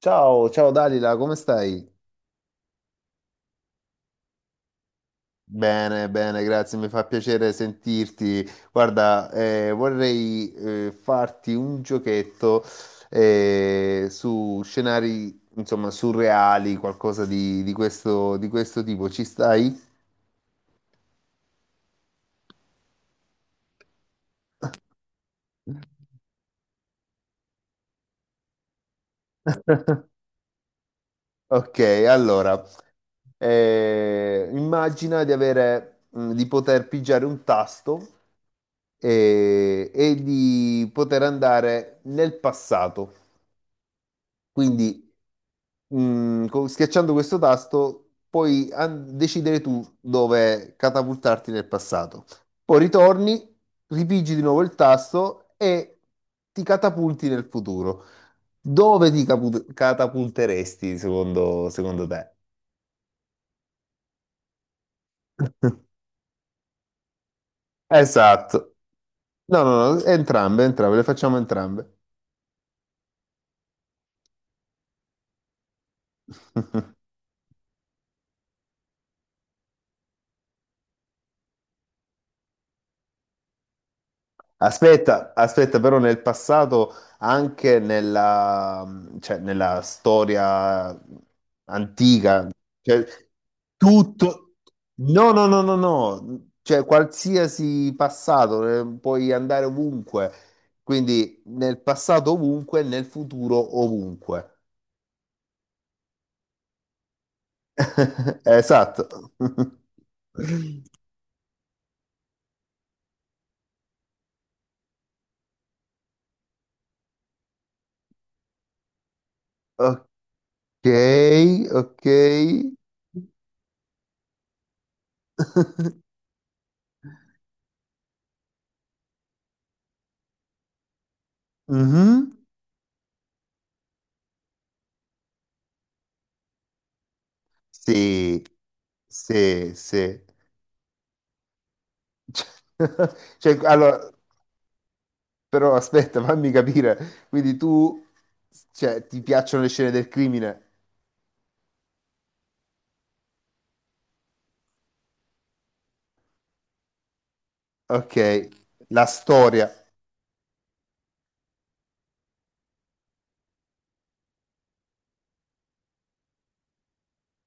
Ciao, ciao Dalila, come stai? Bene, bene, grazie, mi fa piacere sentirti. Guarda, vorrei farti un giochetto su scenari, insomma, surreali, qualcosa di questo tipo. Ci stai? Ok, allora, immagina di avere, di poter pigiare un tasto e di poter andare nel passato. Quindi schiacciando questo tasto puoi decidere tu dove catapultarti nel passato. Poi ritorni, ripigi di nuovo il tasto e ti catapulti nel futuro. Dove ti catapulteresti secondo te? Esatto. No, no, no, entrambe, entrambe, le facciamo entrambe. Aspetta, aspetta, però nel passato, anche nella, cioè, nella storia antica, cioè, tutto... No, no, no, no, no, cioè qualsiasi passato, puoi andare ovunque, quindi nel passato ovunque, nel futuro ovunque. Esatto. Ok, ok. Mhm. Sì, sì, sì. Cioè, cioè, allora, però aspetta, fammi capire. Cioè, ti piacciono le scene del crimine? Ok, la storia,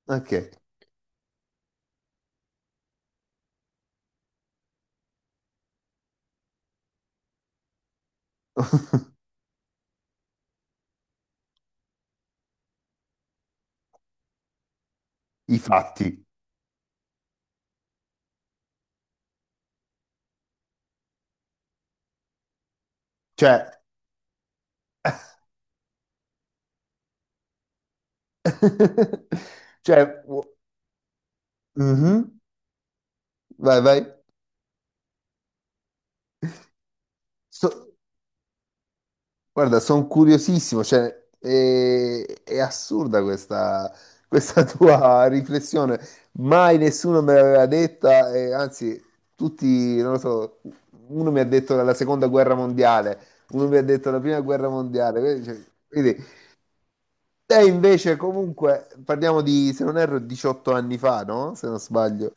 ok, i fatti. Cioè, cioè, mhm, vai, vai. So- Guarda, sono curiosissimo, cioè, è assurda questa tua riflessione. Mai nessuno me l'aveva detta, e anzi, tutti, non lo so, uno mi ha detto la seconda guerra mondiale, uno mi ha detto la prima guerra mondiale. Quindi, te invece, comunque, parliamo di, se non erro, 18 anni fa, no? Se non sbaglio.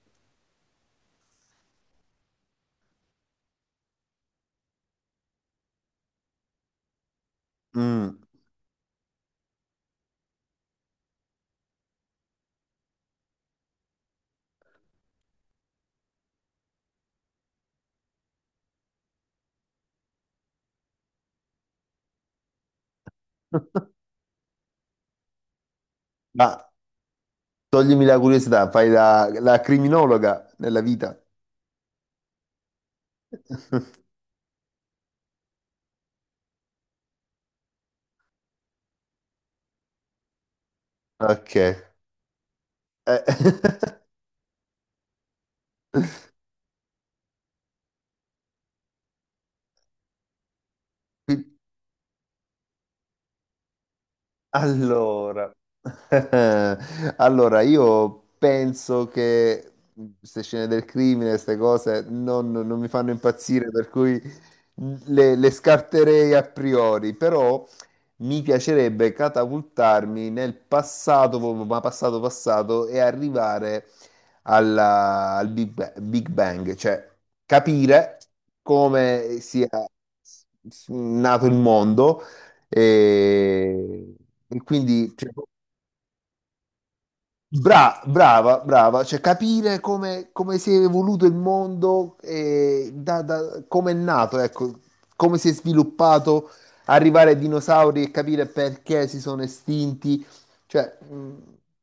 Mm. Ma toglimi la curiosità, fai la criminologa nella vita. Ok. Qui- Allora, allora io penso che queste scene del crimine, queste cose non mi fanno impazzire, per cui le scarterei a priori, però mi piacerebbe catapultarmi nel passato, proprio, ma passato passato, e arrivare al Big Bang, cioè capire come sia nato il mondo e, e quindi cioè, brava, brava, cioè capire come si è evoluto il mondo, e come è nato, ecco, come si è sviluppato, arrivare ai dinosauri e capire perché si sono estinti. Cioè, mh,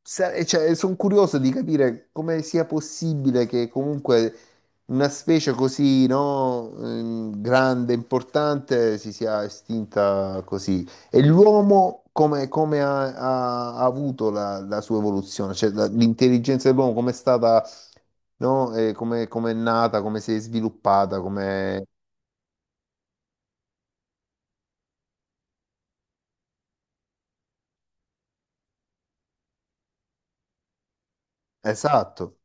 sa- e cioè, sono curioso di capire come sia possibile che comunque una specie così, no, grande, importante, si sia estinta così. E l'uomo come ha avuto la sua evoluzione? Cioè l'intelligenza dell'uomo come è stata, no? Come è nata, come si è sviluppata, come... Esatto,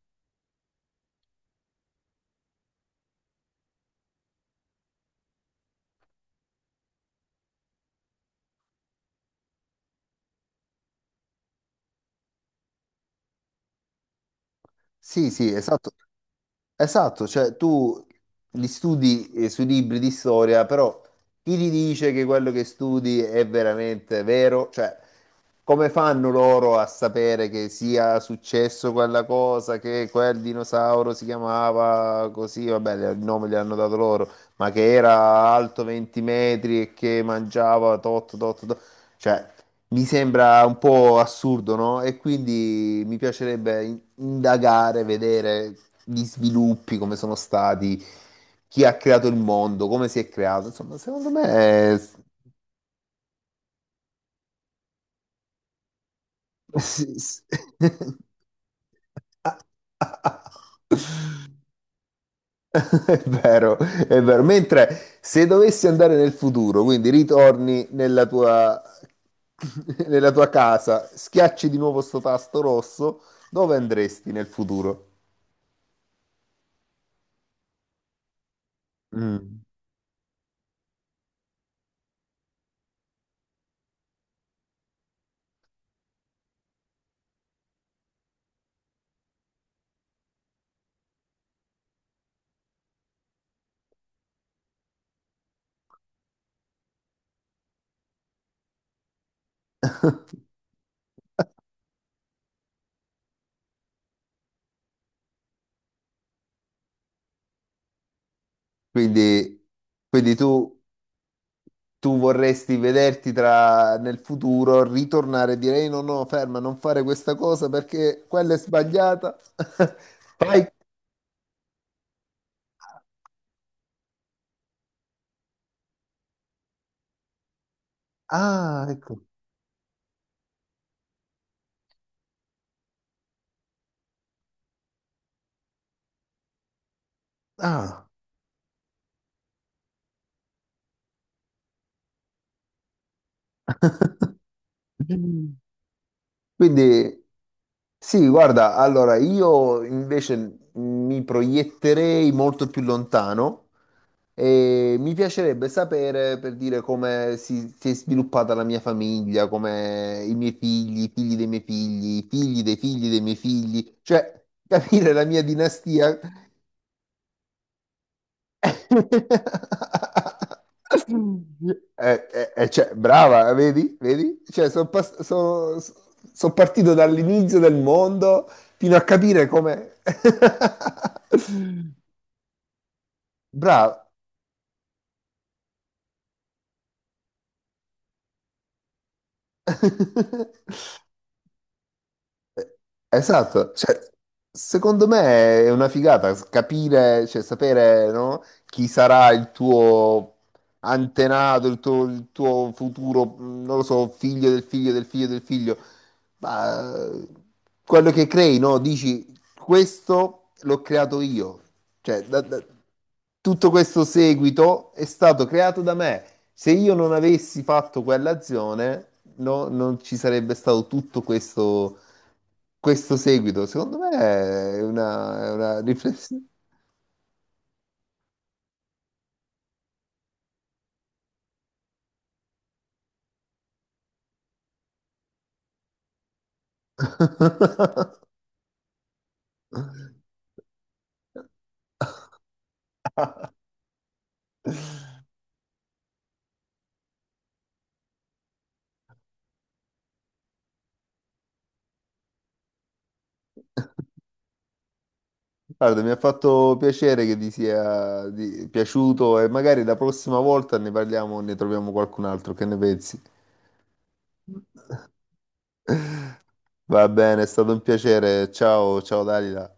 sì, sì, esatto. Esatto, cioè tu li studi sui libri di storia, però chi ti dice che quello che studi è veramente vero? Cioè, come fanno loro a sapere che sia successo quella cosa, che quel dinosauro si chiamava così, vabbè, il nome gli hanno dato loro, ma che era alto 20 metri e che mangiava tot, tot, tot. Cioè, mi sembra un po' assurdo, no? E quindi mi piacerebbe indagare, vedere gli sviluppi, come sono stati, chi ha creato il mondo, come si è creato. Insomma, secondo me... sì, sì. È vero, è vero. Mentre se dovessi andare nel futuro, quindi ritorni nella nella tua casa, schiacci di nuovo sto tasto rosso, dove andresti nel futuro? Mm. Quindi, quindi tu, tu vorresti vederti tra, nel futuro, ritornare e dire "Ehi, no, no, ferma, non fare questa cosa perché quella è sbagliata. Fai... Ah, ecco. Ah. Quindi... Sì, guarda, allora io invece mi proietterei molto più lontano e mi piacerebbe sapere per dire come si è sviluppata la mia famiglia, come i miei figli, i figli dei miei figli, i figli dei miei figli, cioè capire la mia dinastia. Eh, cioè, brava, vedi? Vedi? Cioè, sono partito dall'inizio del mondo fino a capire come... Brava. Eh, esatto, cioè, secondo me è una figata capire, cioè, sapere, no, chi sarà il tuo antenato, il tuo futuro, non lo so, figlio del figlio del figlio del figlio, ma quello che crei, no? Dici, questo l'ho creato io, cioè, tutto questo seguito è stato creato da me. Se io non avessi fatto quell'azione, non ci sarebbe stato tutto questo, questo seguito. Secondo me è una riflessione. Guarda, mi ha fatto piacere che ti sia piaciuto e magari la prossima volta ne parliamo, ne troviamo qualcun altro. Che ne pensi? Va bene, è stato un piacere. Ciao, ciao Dalila.